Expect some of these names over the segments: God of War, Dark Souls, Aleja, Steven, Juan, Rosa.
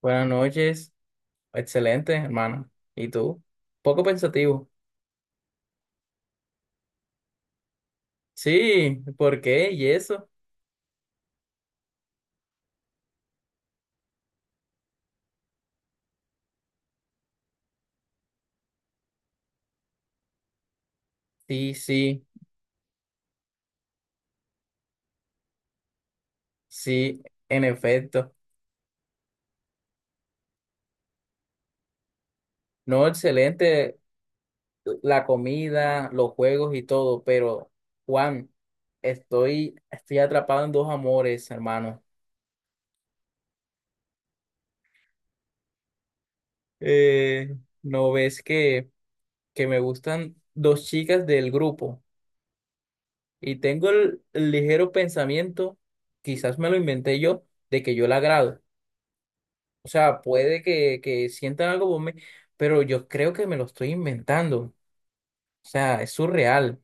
Buenas noches, excelente, hermano. ¿Y tú? Poco pensativo. Sí, ¿por qué? ¿Y eso? Sí, sí, sí, en efecto. No, excelente la comida, los juegos y todo, pero Juan, estoy atrapado en dos amores, hermano. Eh, ¿No ves que me gustan dos chicas del grupo? Y tengo el ligero pensamiento, quizás me lo inventé yo, de que yo la agrado. O sea, puede que sientan algo por mí, pero yo creo que me lo estoy inventando. O sea, es surreal.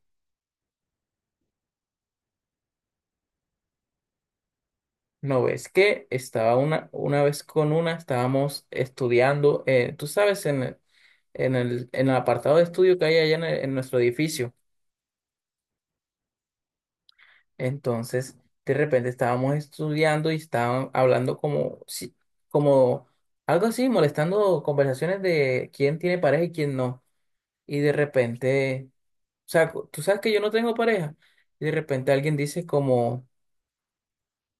¿No ves que estaba una vez con una, estábamos estudiando, tú sabes, en en el apartado de estudio que hay allá en, en nuestro edificio. Entonces, de repente estábamos estudiando y estaban hablando como, como algo así, molestando conversaciones de quién tiene pareja y quién no. Y de repente... O sea, tú sabes que yo no tengo pareja. Y de repente alguien dice como,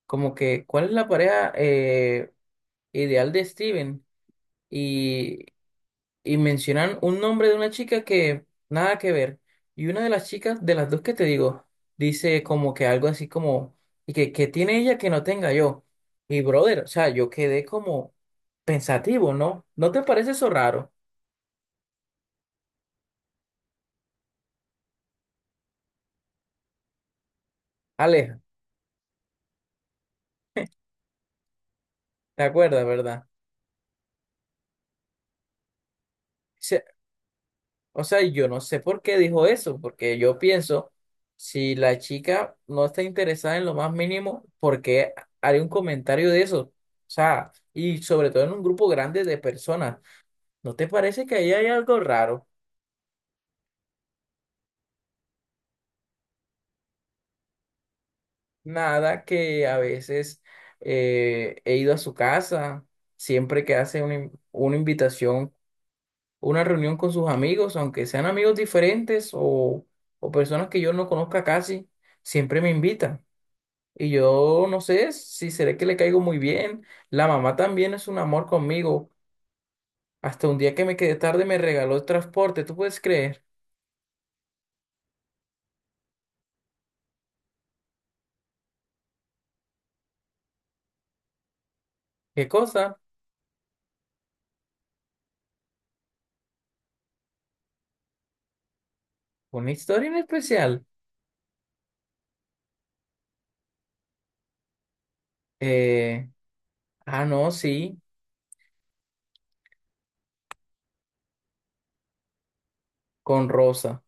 como que, ¿cuál es la pareja ideal de Steven? Y, y mencionan un nombre de una chica que nada que ver. Y una de las chicas, de las dos que te digo, dice como que algo así como, y que tiene ella que no tenga yo. Y brother, o sea, yo quedé como pensativo, ¿no? ¿No te parece eso raro? Aleja, ¿te acuerdas, verdad? O sea, yo no sé por qué dijo eso, porque yo pienso, si la chica no está interesada en lo más mínimo, ¿por qué haría un comentario de eso? O sea, y sobre todo en un grupo grande de personas, ¿no te parece que ahí hay algo raro? Nada que a veces he ido a su casa, siempre que hace una, una invitación, una reunión con sus amigos, aunque sean amigos diferentes o personas que yo no conozca casi, siempre me invita. Y yo no sé si será que le caigo muy bien. La mamá también es un amor conmigo. Hasta un día que me quedé tarde me regaló el transporte. ¿Tú puedes creer? ¿Qué cosa? Una historia en especial. Eh, no, sí, con Rosa.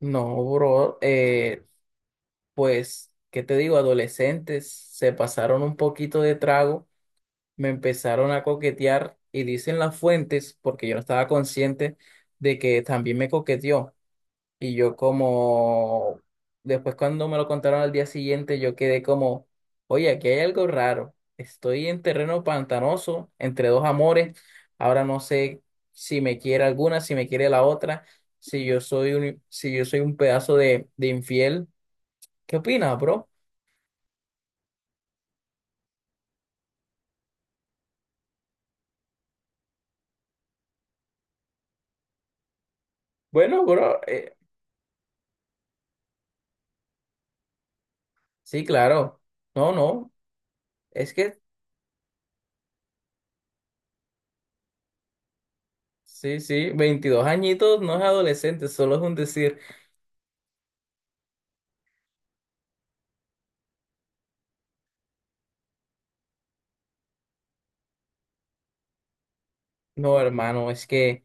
No, bro. Pues, ¿qué te digo? Adolescentes se pasaron un poquito de trago, me empezaron a coquetear y dicen las fuentes, porque yo no estaba consciente de que también me coqueteó. Y yo como, después cuando me lo contaron al día siguiente, yo quedé como, oye, aquí hay algo raro. Estoy en terreno pantanoso, entre dos amores. Ahora no sé si me quiere alguna, si me quiere la otra, si yo soy un pedazo de infiel. ¿Qué opinas, bro? Bueno, bro, sí, claro. No, no, es que, sí, sí, 22 añitos no es adolescente, solo es un decir. No, hermano, es que...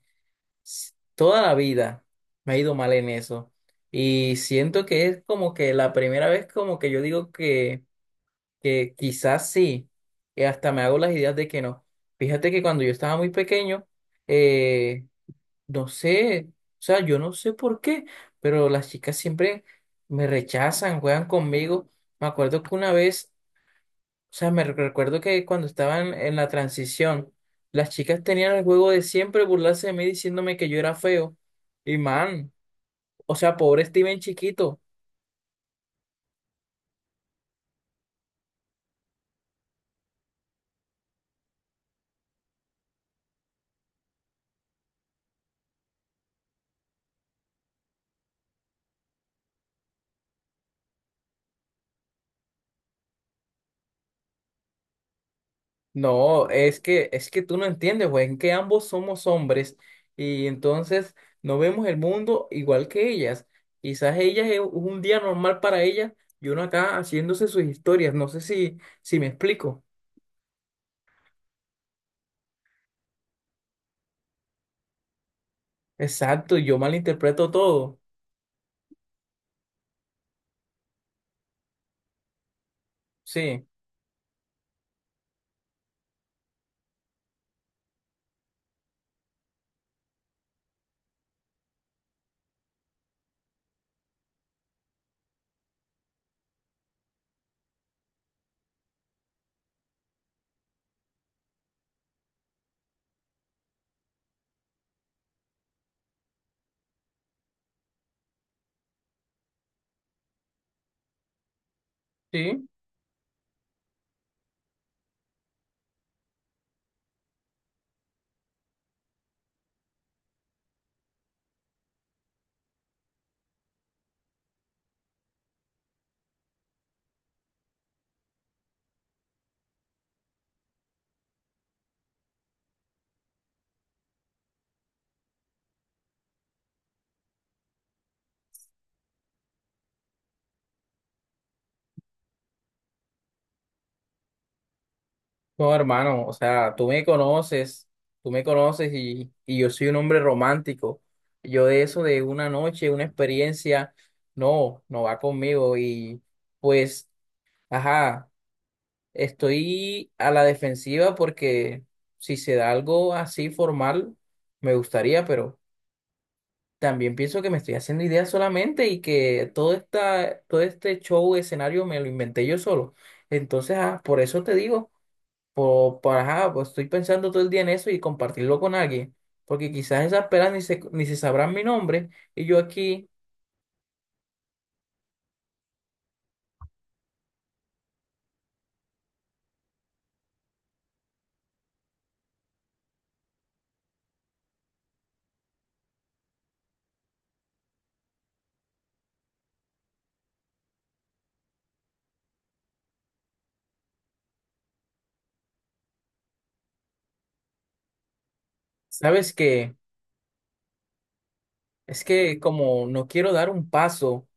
toda la vida me ha ido mal en eso. Y siento que es como que la primera vez como que yo digo que quizás sí, y hasta me hago las ideas de que no. Fíjate que cuando yo estaba muy pequeño, eh, no sé, o sea, yo no sé por qué, pero las chicas siempre me rechazan, juegan conmigo. Me acuerdo que una vez o sea, me recuerdo que cuando estaban en la transición, las chicas tenían el juego de siempre burlarse de mí diciéndome que yo era feo. Y man, o sea, pobre Steven chiquito. No, es que tú no entiendes, güey, en que ambos somos hombres y entonces no vemos el mundo igual que ellas. Quizás ellas es un día normal para ellas y uno acá haciéndose sus historias. No sé si me explico. Exacto, yo malinterpreto todo. Sí, sí. No, hermano, o sea, tú me conoces y yo soy un hombre romántico. Yo de eso, de una noche, una experiencia, no, no va conmigo. Y pues, ajá, estoy a la defensiva porque si se da algo así formal, me gustaría, pero también pienso que me estoy haciendo ideas solamente y que todo este show, escenario, me lo inventé yo solo. Entonces, ah, por eso te digo. Ajá, pues estoy pensando todo el día en eso y compartirlo con alguien, porque quizás esas pelas ni se sabrán mi nombre y yo aquí, ¿sabes qué? Es que como no quiero dar un paso,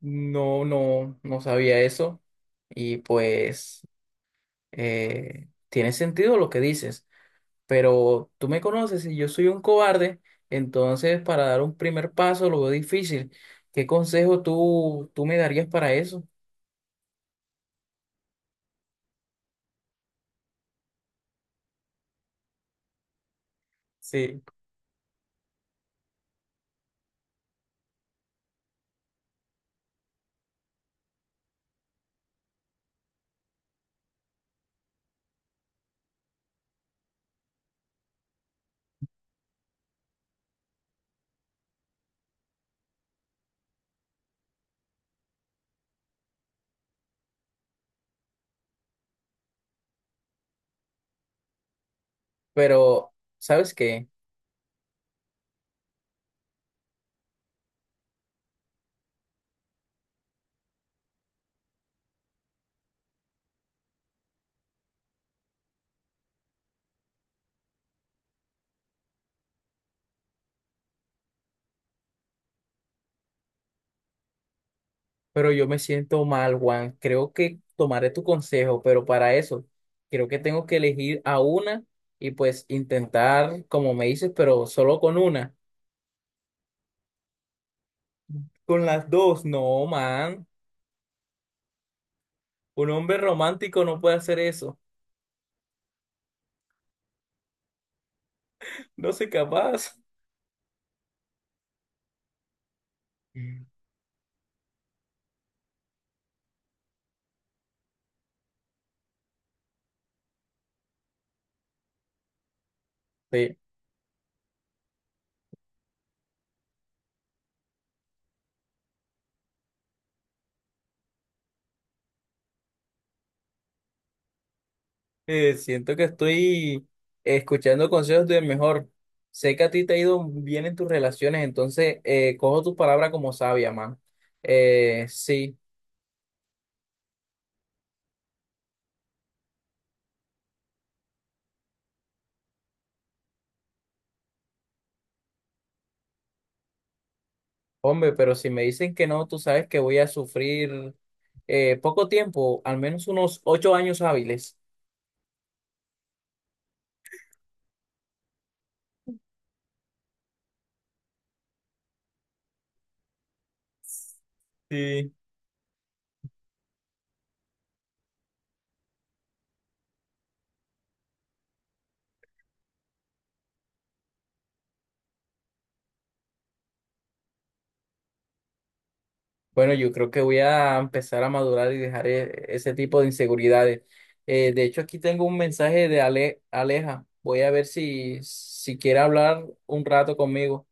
no, no, no sabía eso y pues tiene sentido lo que dices, pero tú me conoces y yo soy un cobarde, entonces para dar un primer paso lo veo difícil. ¿Qué consejo tú me darías para eso? Sí. Pero, ¿sabes qué? Pero yo me siento mal, Juan. Creo que tomaré tu consejo, pero para eso creo que tengo que elegir a una y pues intentar, como me dices, pero solo con una. Con las dos, no, man. Un hombre romántico no puede hacer eso. No soy capaz. Mm. Sí. Siento que estoy escuchando consejos del mejor. Sé que a ti te ha ido bien en tus relaciones, entonces cojo tus palabras como sabia, man. Sí. Hombre, pero si me dicen que no, tú sabes que voy a sufrir poco tiempo, al menos unos 8 años hábiles. Sí. Bueno, yo creo que voy a empezar a madurar y dejar ese tipo de inseguridades. De hecho, aquí tengo un mensaje de Aleja. Voy a ver si quiere hablar un rato conmigo.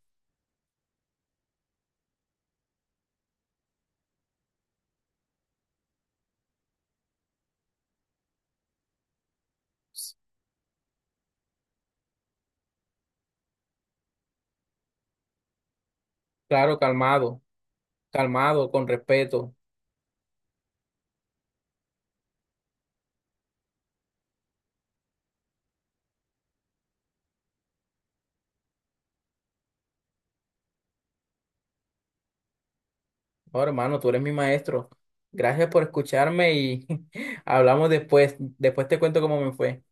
Claro, calmado, calmado, con respeto. Oh, hermano, tú eres mi maestro. Gracias por escucharme y hablamos después. Después te cuento cómo me fue.